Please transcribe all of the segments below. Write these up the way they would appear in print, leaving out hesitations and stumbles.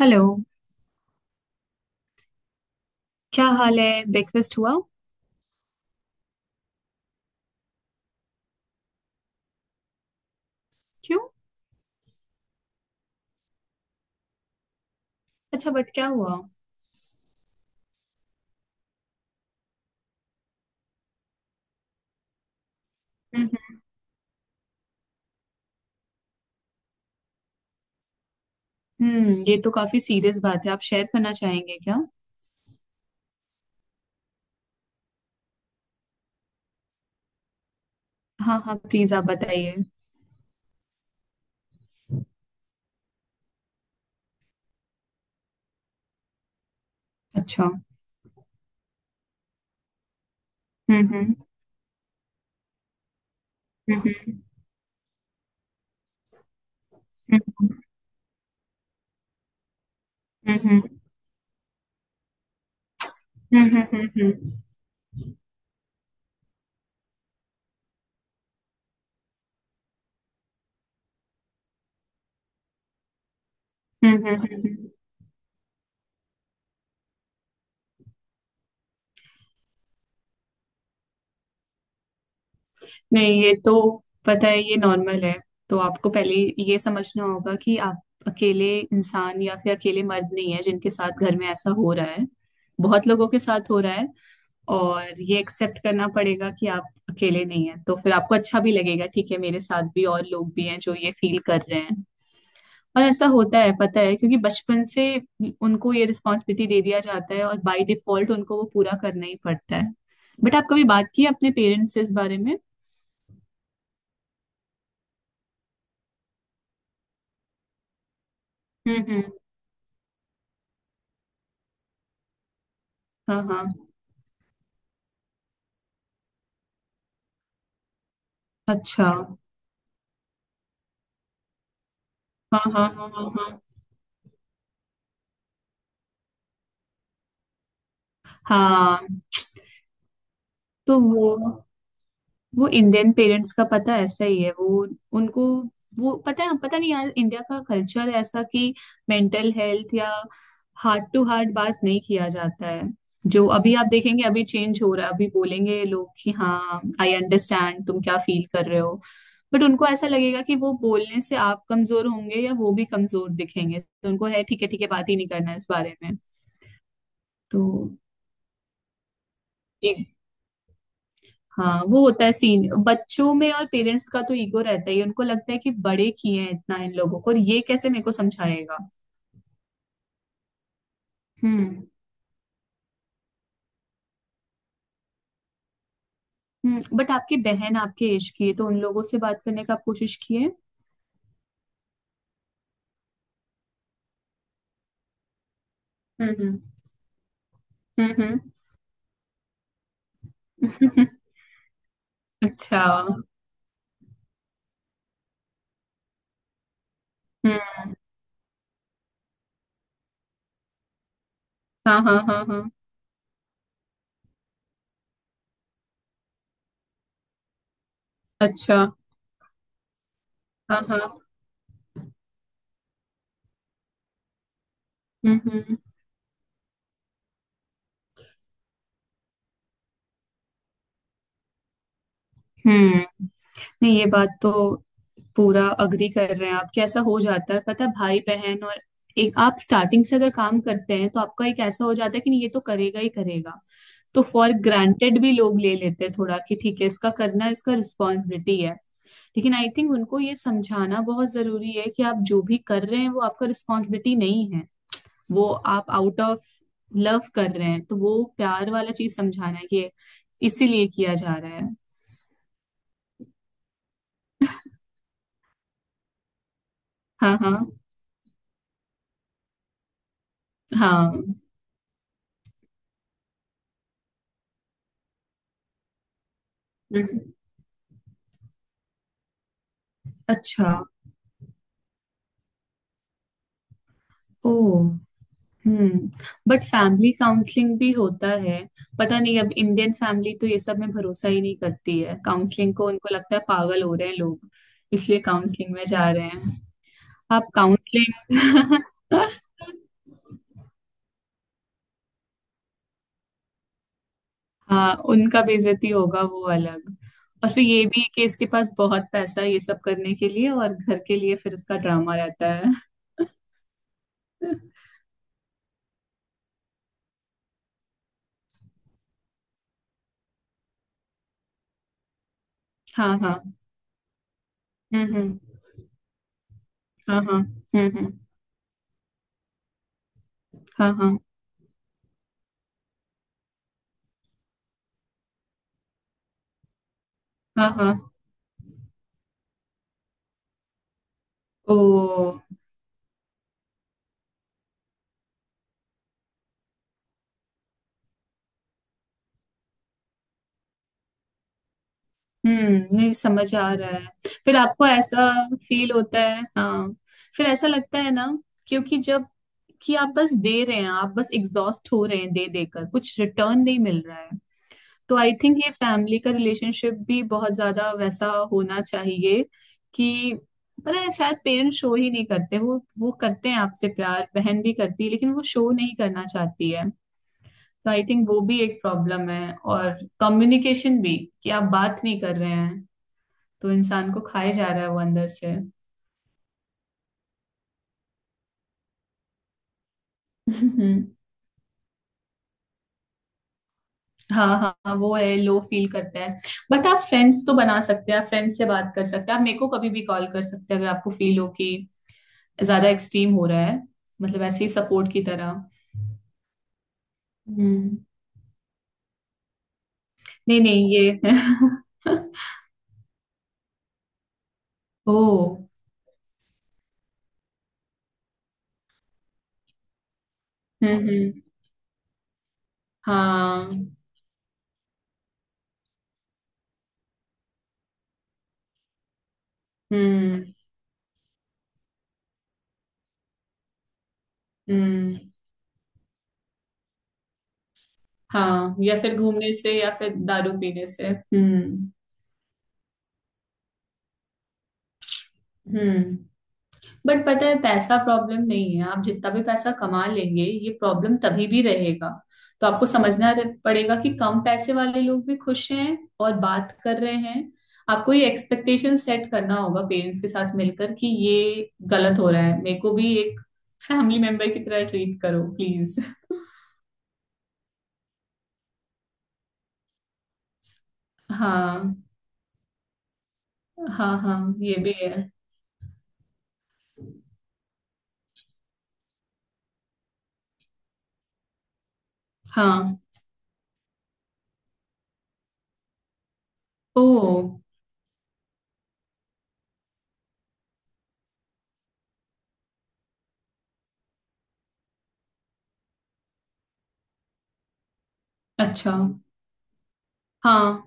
Hello. क्या हाल है? ब्रेकफास्ट हुआ? क्यों? अच्छा, बट क्या हुआ? हम्म। हम्म। ये तो काफी सीरियस बात है। आप शेयर करना चाहेंगे क्या? हाँ, हाँ, प्लीज आप बताइए। अच्छा। हम्म। हम्म। हम्म। हम्म। हम्म। हम्म। हम्म। हम्म। हम्म। हम्म। हम्म। हम्म, हम्म, हम्म, हम्म। नहीं, ये तो पता है, ये नॉर्मल है। तो आपको पहले ये समझना होगा कि आप अकेले इंसान या फिर अकेले मर्द नहीं है जिनके साथ घर में ऐसा हो रहा है। बहुत लोगों के साथ हो रहा है। और ये एक्सेप्ट करना पड़ेगा कि आप अकेले नहीं हैं, तो फिर आपको अच्छा भी लगेगा। ठीक है, मेरे साथ भी और लोग भी हैं जो ये फील कर रहे हैं। और ऐसा होता है, पता है, क्योंकि बचपन से उनको ये रिस्पॉन्सिबिलिटी दे दिया जाता है और बाय डिफॉल्ट उनको वो पूरा करना ही पड़ता है। बट आप कभी बात की है अपने पेरेंट्स से इस बारे में? हम्म। हम्म। हाँ, हाँ। अच्छा। हाँ, हाँ, हाँ, हाँ, हाँ, हाँ। तो वो इंडियन पेरेंट्स का पता ऐसा ही है। वो उनको, वो पता है, पता नहीं यार, इंडिया का कल्चर ऐसा कि मेंटल हेल्थ या हार्ट टू हार्ट बात नहीं किया जाता है। जो अभी आप देखेंगे, अभी चेंज हो रहा है। अभी बोलेंगे लोग कि हाँ, आई अंडरस्टैंड तुम क्या फील कर रहे हो। बट उनको ऐसा लगेगा कि वो बोलने से आप कमजोर होंगे या वो भी कमजोर दिखेंगे, तो उनको है ठीक है, ठीक है, बात ही नहीं करना इस बारे में। तो ये हाँ, वो होता है सीन बच्चों में, और पेरेंट्स का तो ईगो रहता ही है। उनको लगता है कि बड़े किए हैं इतना इन लोगों को, और ये कैसे मेरे को समझाएगा। हम्म। हम्म। बट आपकी बहन आपके एज की है, तो उन लोगों से बात करने का आप कोशिश किए? हम्म। हम्म। हम्म। हम्म। अच्छा। हम्म। हाँ, हाँ, हाँ, हाँ। अच्छा। हाँ, हाँ। हम्म। हम्म। हम्म, नहीं, ये बात तो पूरा अग्री कर रहे हैं आप कि ऐसा हो जाता है। पता है, भाई बहन, और एक आप स्टार्टिंग से अगर काम करते हैं, तो आपका एक ऐसा हो जाता है कि नहीं ये तो करेगा ही करेगा। तो फॉर ग्रांटेड भी लोग ले लेते हैं थोड़ा कि ठीक है, इसका करना, इसका रिस्पॉन्सिबिलिटी है। लेकिन आई थिंक उनको ये समझाना बहुत जरूरी है कि आप जो भी कर रहे हैं वो आपका रिस्पॉन्सिबिलिटी नहीं है। वो आप आउट ऑफ लव कर रहे हैं, तो वो प्यार वाला चीज समझाना है कि इसीलिए किया जा रहा है। हाँ, हाँ, हाँ। हम्म, अच्छा। ओ। हम्म बट फैमिली काउंसलिंग भी होता है। पता नहीं, अब इंडियन फैमिली तो ये सब में भरोसा ही नहीं करती है काउंसलिंग को, उनको लगता है पागल हो रहे हैं लोग, इसलिए काउंसलिंग में जा रहे हैं। आप काउंसलिंग हाँ, उनका बेइज्जती होगा वो अलग। और फिर ये भी कि इसके पास बहुत पैसा है ये सब करने के लिए और घर के लिए, फिर इसका ड्रामा रहता है। हाँ, हाँ। हम्म। हम्म। हाँ, हाँ। हम्म। हम्म। हाँ, हाँ, हाँ, हाँ। ओ। नहीं समझ आ रहा है। फिर आपको ऐसा फील होता है? हाँ, फिर ऐसा लगता है ना, क्योंकि जब कि आप बस दे रहे हैं, आप बस एग्जॉस्ट हो रहे हैं दे देकर, कुछ रिटर्न नहीं मिल रहा है। तो आई थिंक ये फैमिली का रिलेशनशिप भी बहुत ज्यादा वैसा होना चाहिए कि पता है, शायद पेरेंट्स शो ही नहीं करते, वो करते हैं आपसे प्यार, बहन भी करती है लेकिन वो शो नहीं करना चाहती है। तो आई थिंक वो भी एक प्रॉब्लम है, और कम्युनिकेशन भी, कि आप बात नहीं कर रहे हैं, तो इंसान को खाए जा रहा है वो अंदर से। हम्म, हाँ, हाँ, हाँ, वो है लो फील करता है। बट आप फ्रेंड्स तो बना सकते हैं, आप फ्रेंड्स से बात कर सकते हैं, आप मेरे को कभी भी कॉल कर सकते हैं अगर आपको फील हो कि ज्यादा एक्सट्रीम हो रहा है, मतलब ऐसे ही सपोर्ट की तरह। हम्म। नहीं, नहीं, ये ओ। हम्म। हम्म। हाँ। हम्म। हम्म। हाँ, या फिर घूमने से या फिर दारू पीने से। हम्म। हम्म बट पता है पैसा प्रॉब्लम नहीं है, आप जितना भी पैसा कमा लेंगे ये प्रॉब्लम तभी भी रहेगा। तो आपको समझना पड़ेगा कि कम पैसे वाले लोग भी खुश हैं और बात कर रहे हैं। आपको ये एक्सपेक्टेशन सेट करना होगा पेरेंट्स के साथ मिलकर कि ये गलत हो रहा है, मेरे को भी एक फैमिली मेंबर की तरह ट्रीट करो प्लीज। हाँ, हाँ। हाँ, ये भी है। हाँ। ओ। अच्छा। हाँ।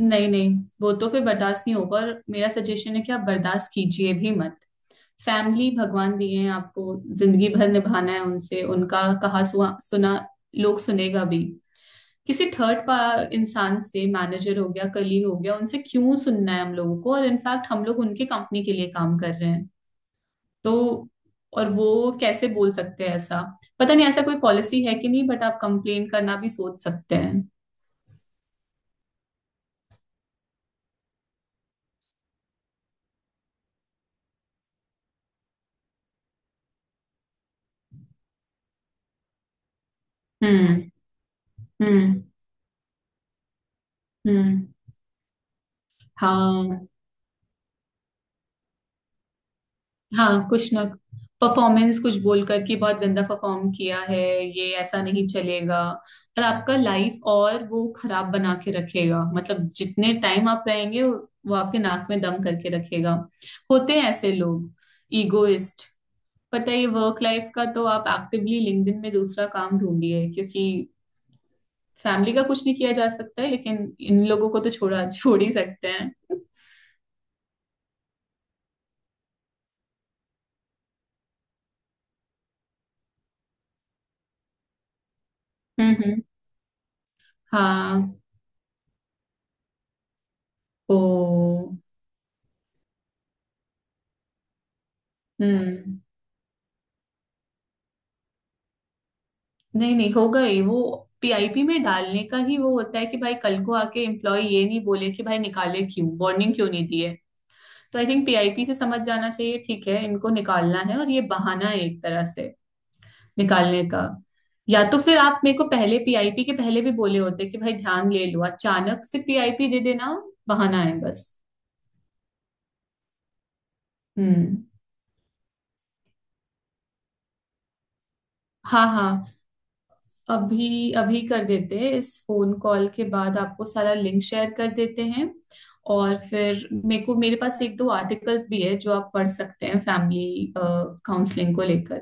नहीं, नहीं, वो तो फिर बर्दाश्त नहीं होगा, और मेरा सजेशन है कि आप बर्दाश्त कीजिए भी मत। फैमिली भगवान दिए हैं, आपको जिंदगी भर निभाना है उनसे, उनका कहा सुआ, सुना लोग सुनेगा भी, किसी थर्ड पा इंसान से, मैनेजर हो गया कली हो गया, उनसे क्यों सुनना है हम लोगों को, और इनफैक्ट हम लोग उनके कंपनी के लिए काम कर रहे हैं। तो और वो कैसे बोल सकते हैं ऐसा? पता नहीं ऐसा कोई पॉलिसी है कि नहीं, बट आप कंप्लेन करना भी सोच सकते हैं। हम्म। हम्म। हम्म। हाँ, हाँ, कुछ ना, परफॉर्मेंस कुछ बोल कर कि बहुत गंदा परफॉर्म किया है, ये ऐसा नहीं चलेगा। और आपका लाइफ और वो खराब बना के रखेगा, मतलब जितने टाइम आप रहेंगे वो आपके नाक में दम करके रखेगा। होते हैं ऐसे लोग, ईगोइस्ट। पता है, ये वर्क लाइफ का, तो आप एक्टिवली लिंक्डइन में दूसरा काम ढूंढिए, क्योंकि फैमिली का कुछ नहीं किया जा सकता है लेकिन इन लोगों को तो छोड़ा, छोड़ ही सकते हैं। हम्म। हम्म। हाँ। ओ। हम्म नहीं, नहीं होगा ही वो। पीआईपी में डालने का ही वो होता है कि भाई कल को आके एम्प्लॉय ये नहीं बोले कि भाई निकाले क्यों, वार्निंग क्यों नहीं दी है। तो आई थिंक पीआईपी से समझ जाना चाहिए, ठीक है इनको निकालना है और ये बहाना है एक तरह से निकालने का। या तो फिर आप मेरे को पहले, पीआईपी के पहले भी बोले होते कि भाई ध्यान ले लो, अचानक से पीआईपी दे देना बहाना है बस। हम्म। हाँ, हाँ, अभी अभी कर देते हैं। इस फोन कॉल के बाद आपको सारा लिंक शेयर कर देते हैं। और फिर मेरे को, मेरे पास एक दो आर्टिकल्स भी है जो आप पढ़ सकते हैं फैमिली काउंसलिंग को लेकर,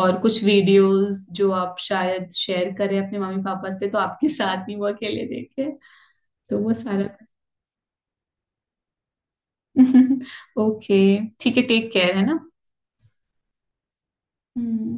और कुछ वीडियोस जो आप शायद शेयर करें अपने मम्मी पापा से, तो आपके साथ नहीं वो अकेले देखे। तो वो सारा ओके, ठीक है, टेक केयर है ना। हम्म।